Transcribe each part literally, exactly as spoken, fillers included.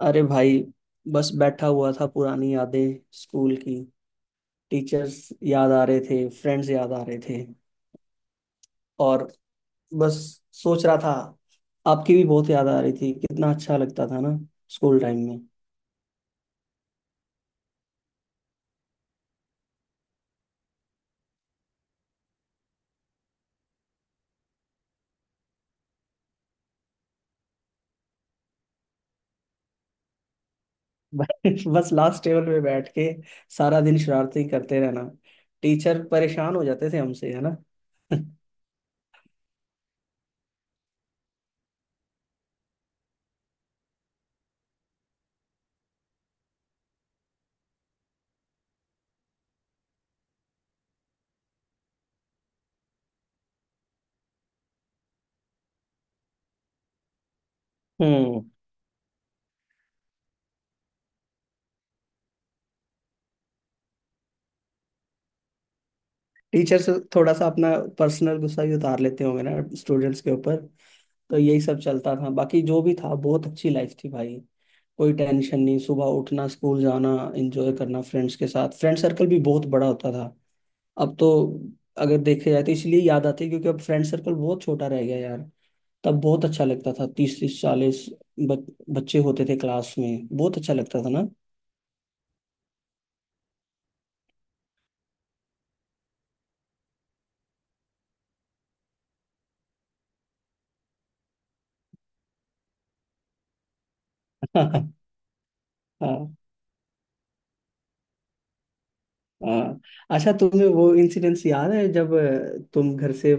अरे भाई। बस बैठा हुआ था, पुरानी यादें, स्कूल की टीचर्स याद आ रहे थे, फ्रेंड्स याद आ रहे थे। और बस सोच रहा था, आपकी भी बहुत याद आ रही थी। कितना अच्छा लगता था ना स्कूल टाइम में। बस लास्ट टेबल पे बैठ के सारा दिन शरारती करते रहना, टीचर परेशान हो जाते थे हमसे, है ना। हम्म। टीचर्स थोड़ा सा अपना पर्सनल गुस्सा भी उतार लेते होंगे ना, स्टूडेंट्स के ऊपर। तो यही सब चलता था, बाकी जो भी था बहुत अच्छी लाइफ थी भाई। कोई टेंशन नहीं, सुबह उठना, स्कूल जाना, एंजॉय करना फ्रेंड्स के साथ। फ्रेंड सर्कल भी बहुत बड़ा होता था, अब तो अगर देखे जाए तो इसलिए याद आती है, क्योंकि अब फ्रेंड सर्कल बहुत छोटा रह गया यार। तब बहुत अच्छा लगता था, तीस तीस चालीस बच, बच्चे होते थे क्लास में, बहुत अच्छा लगता था ना। हाँ, हाँ। अच्छा, तुम्हें वो इंसिडेंस याद है जब अ, तुम घर से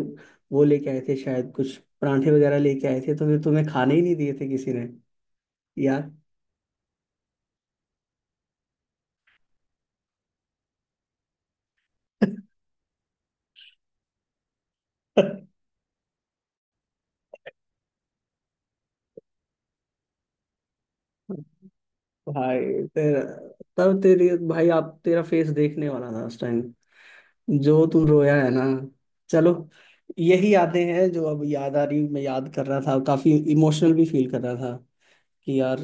वो लेके आए थे, शायद कुछ परांठे वगैरह लेके आए थे, तो फिर तुम्हें खाने ही नहीं दिए थे किसी ने यार। भाई तेरा, तब तेरी भाई, आप तेरा फेस देखने वाला था उस टाइम, जो तू रोया है ना। चलो, यही यादें हैं जो अब याद आ रही। मैं याद कर रहा था, काफी इमोशनल भी फील कर रहा था कि यार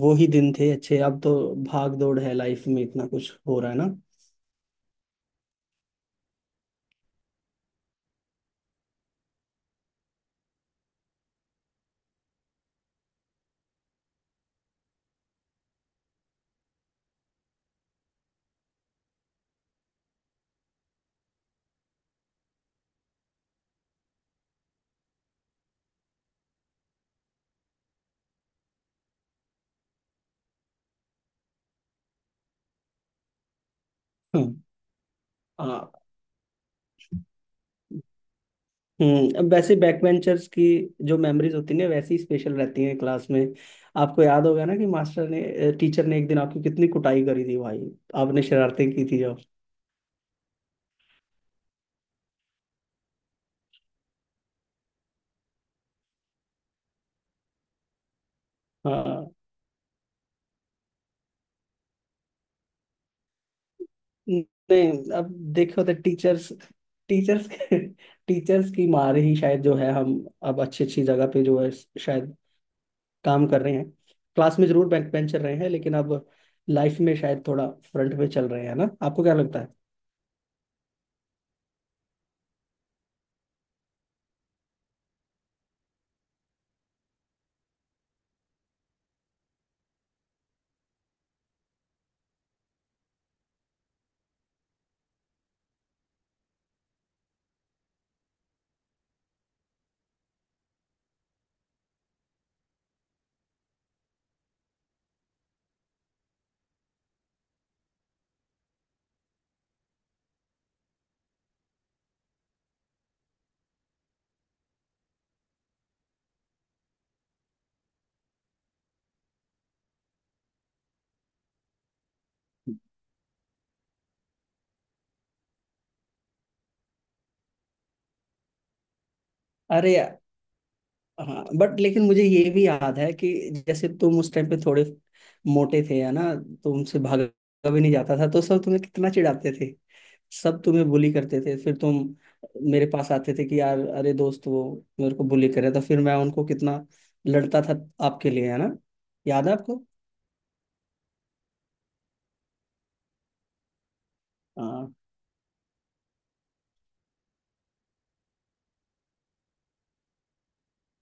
वो ही दिन थे अच्छे। अब तो भाग दौड़ है, लाइफ में इतना कुछ हो रहा है ना। हम्म। आ, हम्म अब वैसे बैक बेंचर्स की जो मेमोरीज होती है ना, वैसी स्पेशल रहती हैं क्लास में। आपको याद होगा ना कि मास्टर ने, टीचर ने एक दिन आपकी कितनी कुटाई करी थी भाई, आपने शरारतें की थी। हाँ। नहीं, अब देखो तो टीचर्स, टीचर्स के, टीचर्स की मार ही शायद, जो है हम अब अच्छी अच्छी जगह पे जो है, शायद काम कर रहे हैं। क्लास में जरूर बैक बेंचर रहे हैं, लेकिन अब लाइफ में शायद थोड़ा फ्रंट पे चल रहे हैं ना। आपको क्या लगता है? अरे हाँ, बट लेकिन मुझे ये भी याद है कि जैसे तुम उस टाइम पे थोड़े मोटे थे, है ना। तुमसे भागा भी नहीं जाता था, तो सब तुम्हें कितना चिढ़ाते थे, सब तुम्हें बुली करते थे। फिर तुम मेरे पास आते थे कि यार, अरे दोस्त, वो मेरे को बुली कर रहा था। फिर मैं उनको कितना लड़ता था आपके लिए, है ना। याद है आपको? हाँ,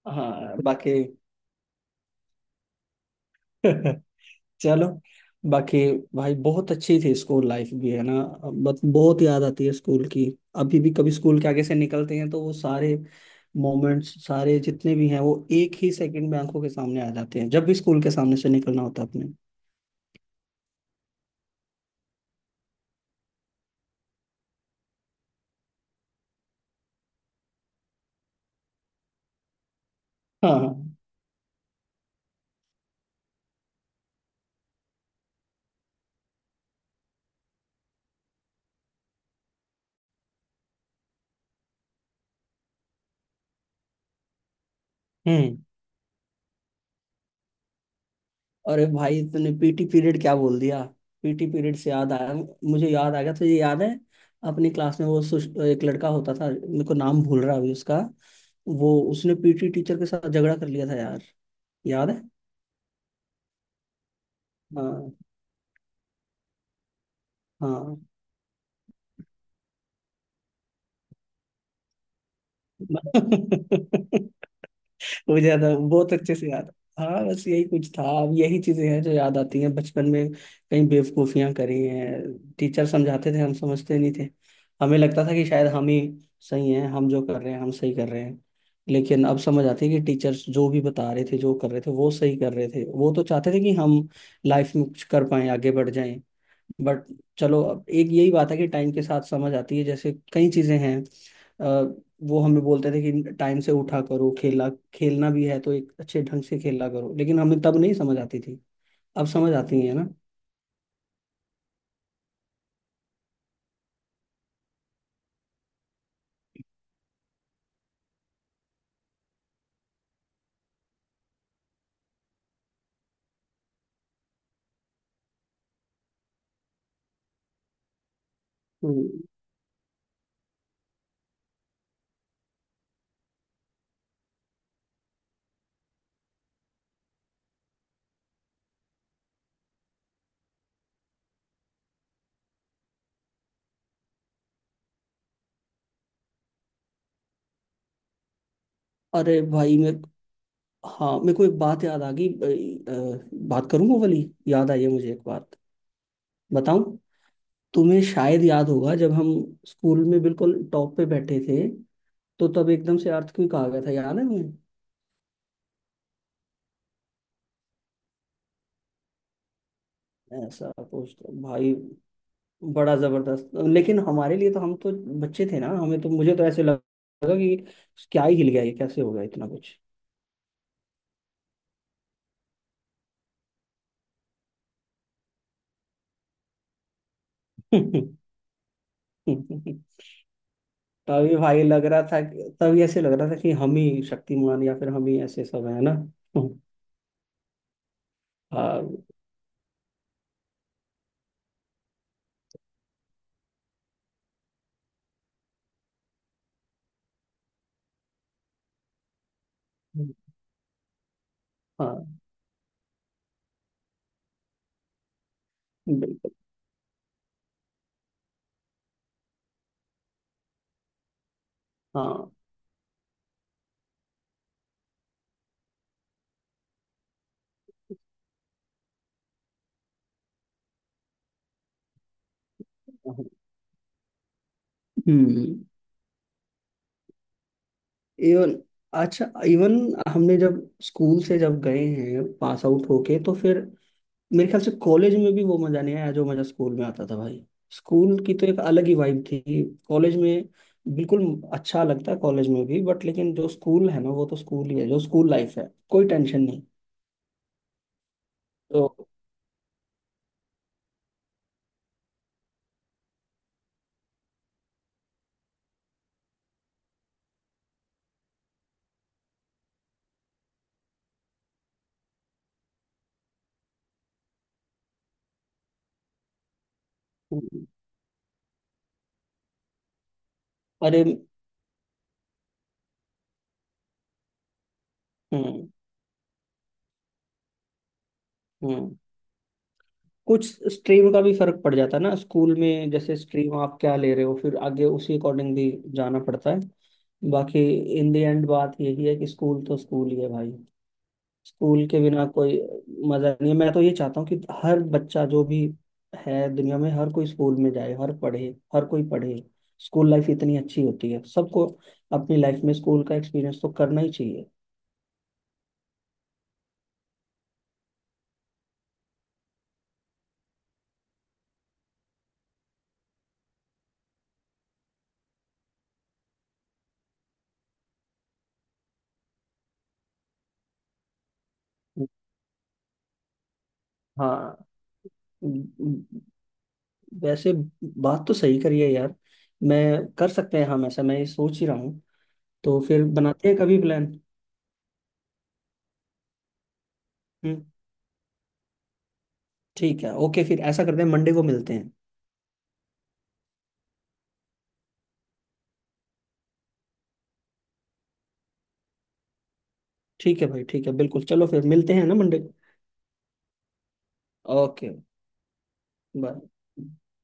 हाँ, बाकी। चलो, बाकी भाई बहुत अच्छी थी स्कूल लाइफ भी, है ना। बट बहुत याद आती है स्कूल की, अभी भी कभी स्कूल के आगे से निकलते हैं तो वो सारे मोमेंट्स, सारे जितने भी हैं, वो एक ही सेकंड में आंखों के सामने आ जाते हैं, जब भी स्कूल के सामने से निकलना होता है अपने। हाँ, हाँ। हम्म। अरे भाई, तूने पी टी पीरियड क्या बोल दिया। पी टी पीरियड से याद आया, मुझे याद आ गया, तुझे याद है अपनी क्लास में वो सुश- एक लड़का होता था, मेरे को नाम भूल रहा है अभी उसका, वो उसने पी टी टीचर के साथ झगड़ा कर लिया था यार। याद है? हाँ, हाँ। वो ज्यादा बहुत अच्छे से याद। हाँ, बस यही कुछ था। अब यही चीजें हैं जो याद आती हैं बचपन में, कई बेवकूफियां करी हैं। टीचर समझाते थे हम समझते नहीं थे, हमें लगता था कि शायद हम ही सही हैं, हम जो कर रहे हैं हम सही कर रहे हैं। लेकिन अब समझ आती है कि टीचर्स जो भी बता रहे थे, जो कर रहे थे वो सही कर रहे थे। वो तो चाहते थे कि हम लाइफ में कुछ कर पाएं, आगे बढ़ जाएं। बट चलो, अब एक यही बात है कि टाइम के साथ समझ आती है। जैसे कई चीज़ें हैं, अ, वो हमें बोलते थे कि टाइम से उठा करो, खेला खेलना भी है तो एक अच्छे ढंग से खेला करो, लेकिन हमें तब नहीं समझ आती थी, अब समझ आती है ना। हम्म। अरे भाई मेरे, हाँ, मेरे को एक बात याद आ गई, अ, अ, बात करूँ वो वाली, याद आई है मुझे एक बात, बताऊं? तुम्हें शायद याद होगा जब हम स्कूल में बिल्कुल टॉप पे बैठे थे, तो तब एकदम से अर्थ क्यों कहा गया था, याद है तुम्हें? ऐसा कुछ तो भाई बड़ा जबरदस्त, लेकिन हमारे लिए तो हम तो बच्चे थे ना, हमें तो, मुझे तो ऐसे लगा कि क्या ही हिल गया, ये कैसे हो गया इतना कुछ। तभी भाई लग रहा था कि- तभी ऐसे लग रहा था कि हम ही शक्तिमान, या फिर हम ही ऐसे सब, है ना। हाँ, हाँ, बिल्कुल, हाँ। हम्म। इवन, अच्छा इवन, हमने जब स्कूल से जब गए हैं पास आउट होके, तो फिर मेरे ख्याल से कॉलेज में भी वो मजा नहीं आया जो मजा स्कूल में आता था भाई। स्कूल की तो एक अलग ही वाइब थी। कॉलेज में बिल्कुल अच्छा लगता है कॉलेज में भी, बट लेकिन जो स्कूल है ना, वो तो स्कूल ही है। जो स्कूल लाइफ है कोई टेंशन नहीं। तो हम्म। अरे, हम्म, हम्म। कुछ स्ट्रीम का भी फर्क पड़ जाता है ना स्कूल में, जैसे स्ट्रीम आप क्या ले रहे हो, फिर आगे उसी अकॉर्डिंग भी जाना पड़ता है। बाकी इन द एंड बात यही है कि स्कूल तो स्कूल ही है भाई। स्कूल के बिना कोई मजा नहीं है। मैं तो ये चाहता हूँ कि हर बच्चा जो भी है दुनिया में, हर कोई स्कूल में जाए, हर पढ़े, हर कोई पढ़े। स्कूल लाइफ इतनी अच्छी होती है, सबको अपनी लाइफ में स्कूल का एक्सपीरियंस तो करना ही चाहिए। हाँ, वैसे बात तो सही करी है यार। मैं, कर सकते हैं हम ऐसा, मैं ये सोच ही रहा हूँ, तो फिर बनाते हैं कभी प्लान। हम्म, ठीक है, ओके, फिर ऐसा करते हैं मंडे को मिलते हैं। ठीक है भाई, ठीक है, बिल्कुल। चलो, फिर मिलते हैं ना मंडे को। Okay, bye.